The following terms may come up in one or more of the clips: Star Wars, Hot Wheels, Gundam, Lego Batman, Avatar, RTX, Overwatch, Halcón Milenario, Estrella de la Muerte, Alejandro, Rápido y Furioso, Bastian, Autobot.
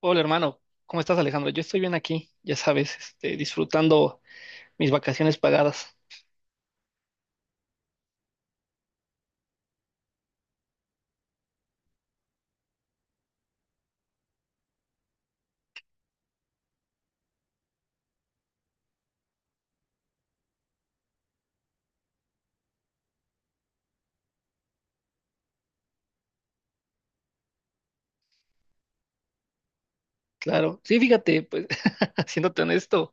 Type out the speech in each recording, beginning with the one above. Hola hermano, ¿cómo estás, Alejandro? Yo estoy bien aquí, ya sabes, disfrutando mis vacaciones pagadas, claro. Sí, fíjate, pues, haciéndote honesto,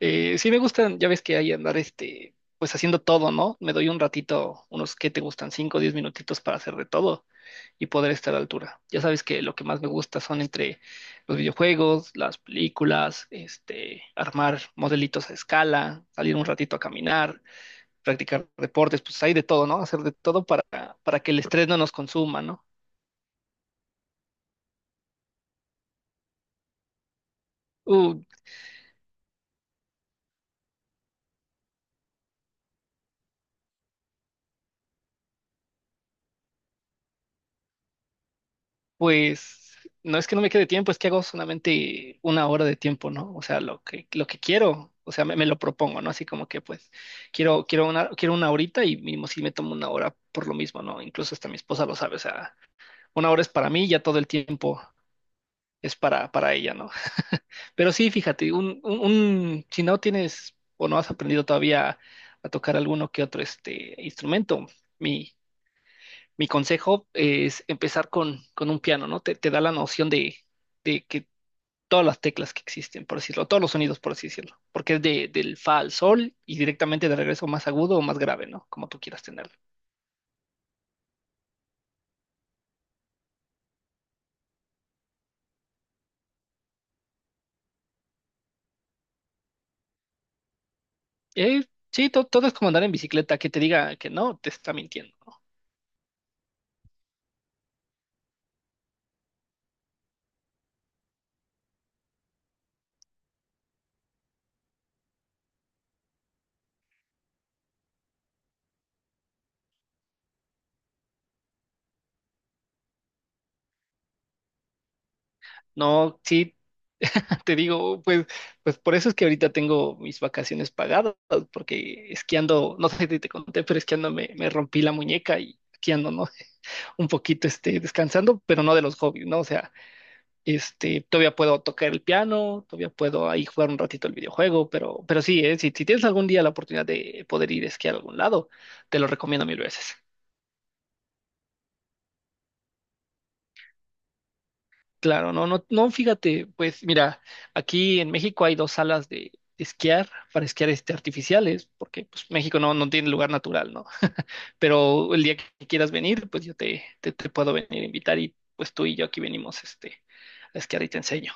sí me gustan, ya ves que hay andar, pues haciendo todo, ¿no? Me doy un ratito, unos que te gustan, 5 o 10 minutitos para hacer de todo y poder estar a la altura. Ya sabes que lo que más me gusta son entre los videojuegos, las películas, armar modelitos a escala, salir un ratito a caminar practicar deportes, pues hay de todo, ¿no? Hacer de todo para que el estrés no nos consuma, ¿no? Uh, pues no es que no me quede tiempo, es que hago solamente 1 hora de tiempo, ¿no? O sea, lo que quiero, o sea, me lo propongo, ¿no? Así como que pues quiero una horita y mismo si me tomo 1 hora por lo mismo, ¿no? Incluso hasta mi esposa lo sabe, o sea, 1 hora es para mí, ya todo el tiempo es para ella, ¿no? Pero sí, fíjate, si no tienes o no has aprendido todavía a tocar alguno que otro este instrumento, mi, mi consejo es empezar con un piano, ¿no? Te da la noción de que todas las teclas que existen, por decirlo, todos los sonidos, por así decirlo, porque es del fa al sol y directamente de regreso más agudo o más grave, ¿no? Como tú quieras tenerlo. Eh, sí, todo es como andar en bicicleta, que te diga que no, te está mintiendo. No, no, sí, te digo, pues, por eso es que ahorita tengo mis vacaciones pagadas, porque esquiando, no sé si te conté, pero esquiando me rompí la muñeca y aquí ando, ¿no? Un poquito, descansando, pero no de los hobbies, ¿no? O sea, todavía puedo tocar el piano, todavía puedo ahí jugar un ratito el videojuego, pero sí, ¿eh? Si tienes algún día la oportunidad de poder ir a esquiar a algún lado, te lo recomiendo mil veces. Claro, no, no, no, fíjate, pues mira, aquí en México hay dos salas de, esquiar para esquiar artificiales, porque pues México no tiene lugar natural, ¿no? Pero el día que quieras venir, pues yo te puedo venir a invitar y pues tú y yo aquí venimos a esquiar y te enseño.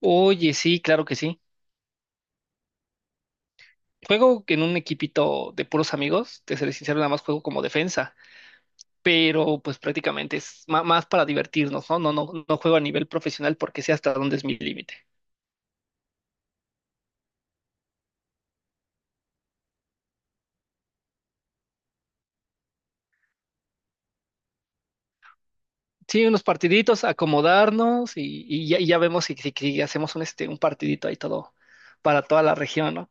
Oye, sí, claro que sí. Juego en un equipito de puros amigos, te seré sincero, nada más juego como defensa, pero pues prácticamente es más para divertirnos, ¿no? No, no, no juego a nivel profesional porque sé hasta dónde es mi límite. Sí, unos partiditos, acomodarnos y ya vemos si, si hacemos un partidito ahí todo para toda la región, ¿no?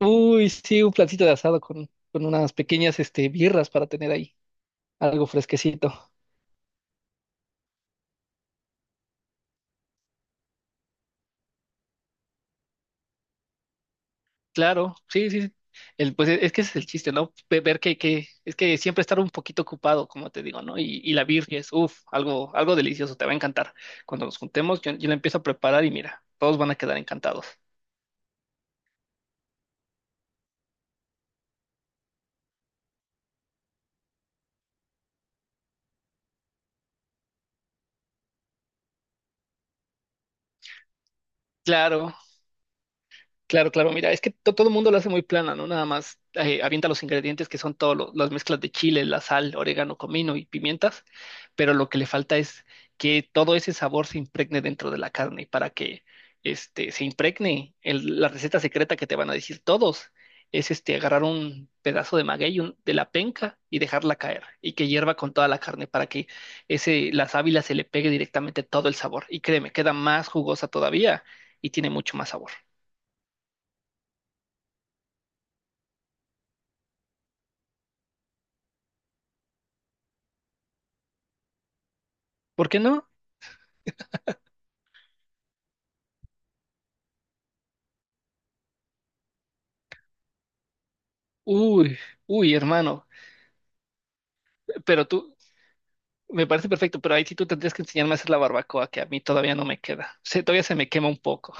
Uy, sí, un platito de asado con unas pequeñas birras para tener ahí algo fresquecito. Claro, sí, sí. El, pues es que ese es el chiste, ¿no? Ver que es que siempre estar un poquito ocupado, como te digo, ¿no? Y la birria es, uff, algo delicioso, te va a encantar. Cuando nos juntemos, yo la empiezo a preparar y mira, todos van a quedar encantados. Claro, claro, claro, mira, es que todo el mundo lo hace muy plana, ¿no? Nada más avienta los ingredientes que son todas las mezclas de chile, la sal, orégano, comino y pimientas, pero lo que le falta es que todo ese sabor se impregne dentro de la carne y para que se impregne la receta secreta que te van a decir todos. Es agarrar un pedazo de maguey de la penca y dejarla caer y que hierva con toda la carne para que la sábila se le pegue directamente todo el sabor. Y créeme, queda más jugosa todavía y tiene mucho más sabor. ¿Por qué no? Uy, uy, hermano, pero tú, me parece perfecto, pero ahí sí tú tendrías que enseñarme a hacer la barbacoa, que a mí todavía no me queda. Todavía se me quema un poco.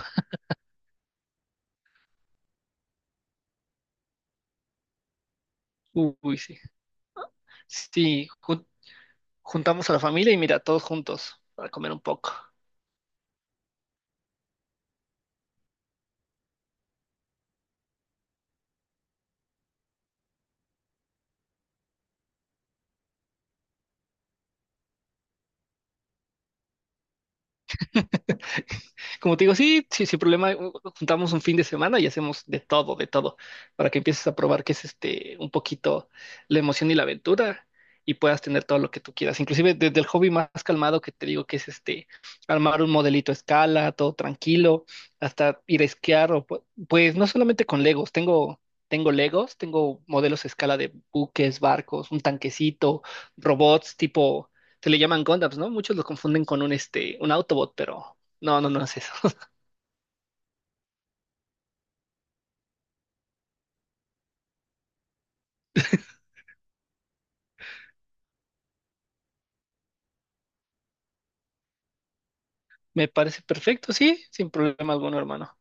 Uy, sí. Sí, juntamos a la familia y mira, todos juntos para comer un poco. Como te digo, sí, sí, sin problema, juntamos un fin de semana y hacemos de todo, para que empieces a probar que es un poquito la emoción y la aventura y puedas tener todo lo que tú quieras. Inclusive desde el hobby más calmado que te digo que es armar un modelito a escala, todo tranquilo, hasta ir a esquiar o pues no solamente con Legos, tengo Legos, tengo modelos a escala de buques, barcos, un tanquecito, robots tipo se le llaman Gundams, ¿no? Muchos los confunden con un Autobot, pero no, no, no es eso. Me parece perfecto, sí, sin problema alguno, hermano.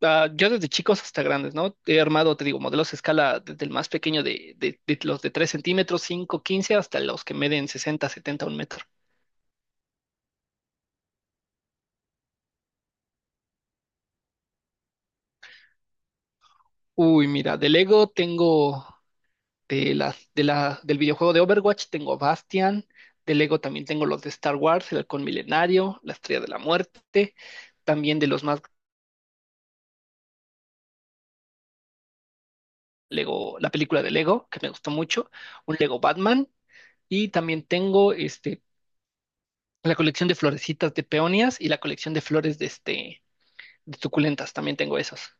Ah, yo desde chicos hasta grandes, ¿no? He armado, te digo, modelos a escala desde el más pequeño de los de 3 centímetros, 5, 15, hasta los que miden 60, 70, 1 metro. Uy, mira, de Lego tengo del videojuego de Overwatch, tengo Bastian. De Lego también tengo los de Star Wars, el Halcón Milenario, la Estrella de la Muerte. También de los más Lego, la película de Lego, que me gustó mucho, un Lego Batman. Y también tengo la colección de florecitas de peonias y la colección de flores de suculentas, también tengo esos.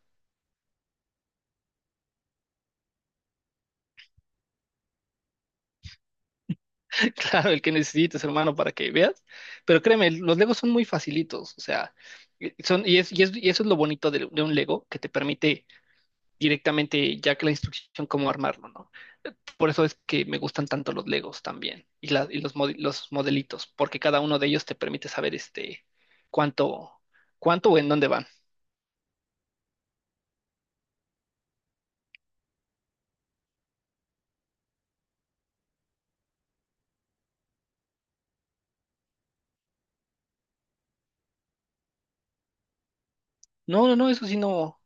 Claro, el que necesites, hermano, para que veas. Pero créeme, los Legos son muy facilitos, o sea, son, y, es, y, es- y eso es lo bonito de un Lego, que te permite directamente ya que la instrucción cómo armarlo, ¿no? Por eso es que me gustan tanto los Legos también, y los, los modelitos, porque cada uno de ellos te permite saber cuánto, o en dónde van. No, no, no, eso sí no.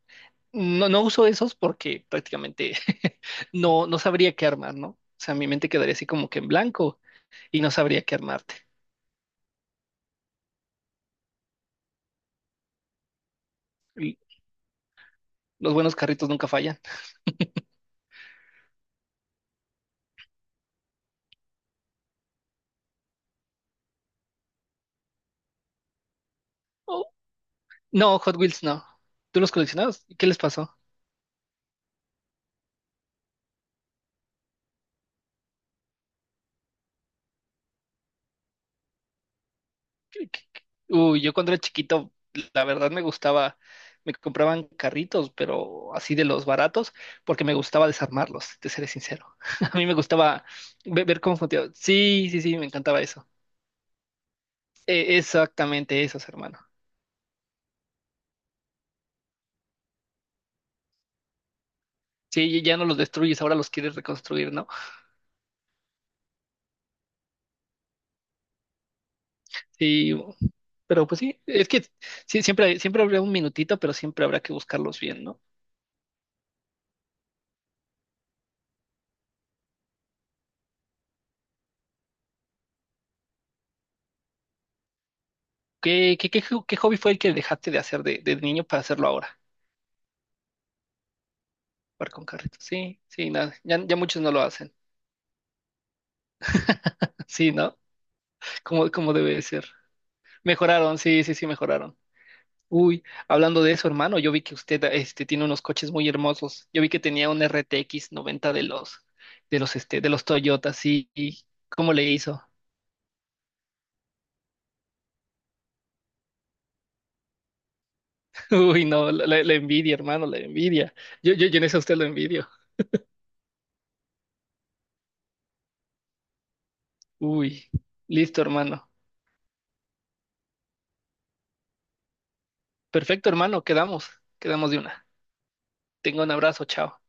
No, no uso esos porque prácticamente no, no sabría qué armar, ¿no? O sea, mi mente quedaría así como que en blanco y no sabría qué armarte. L- Los buenos carritos nunca fallan. Oh, no, Hot Wheels no. ¿Tú los coleccionabas? ¿Qué les pasó? ¿Qué- qué- qué? Uy, yo cuando era chiquito, la verdad me gustaba, me compraban carritos, pero así de los baratos, porque me gustaba desarmarlos, te seré sincero. A mí me gustaba ver cómo funcionaba. Sí, sí, sí, me encantaba eso. Exactamente esos, hermano. Sí, ya no los destruyes, ahora los quieres reconstruir, ¿no? Sí, pero pues sí, es que sí, siempre habrá un minutito, pero siempre habrá que buscarlos bien, ¿no? ¿Qué qué hobby fue el que dejaste de hacer de niño para hacerlo ahora? Jugar con carritos. Sí, sí, nada, ya muchos no lo hacen. Sí, ¿no? Como debe de ser. Mejoraron, sí, sí, sí, mejoraron. Uy, hablando de eso, hermano, yo vi que usted tiene unos coches muy hermosos. Yo vi que tenía un RTX 90 de los Toyota, sí. ¿Cómo le hizo? Uy, no, la envidia, hermano, la envidia. Yo en eso a usted lo envidio. Uy, listo, hermano. Perfecto, hermano, quedamos de una. Tenga un abrazo, chao.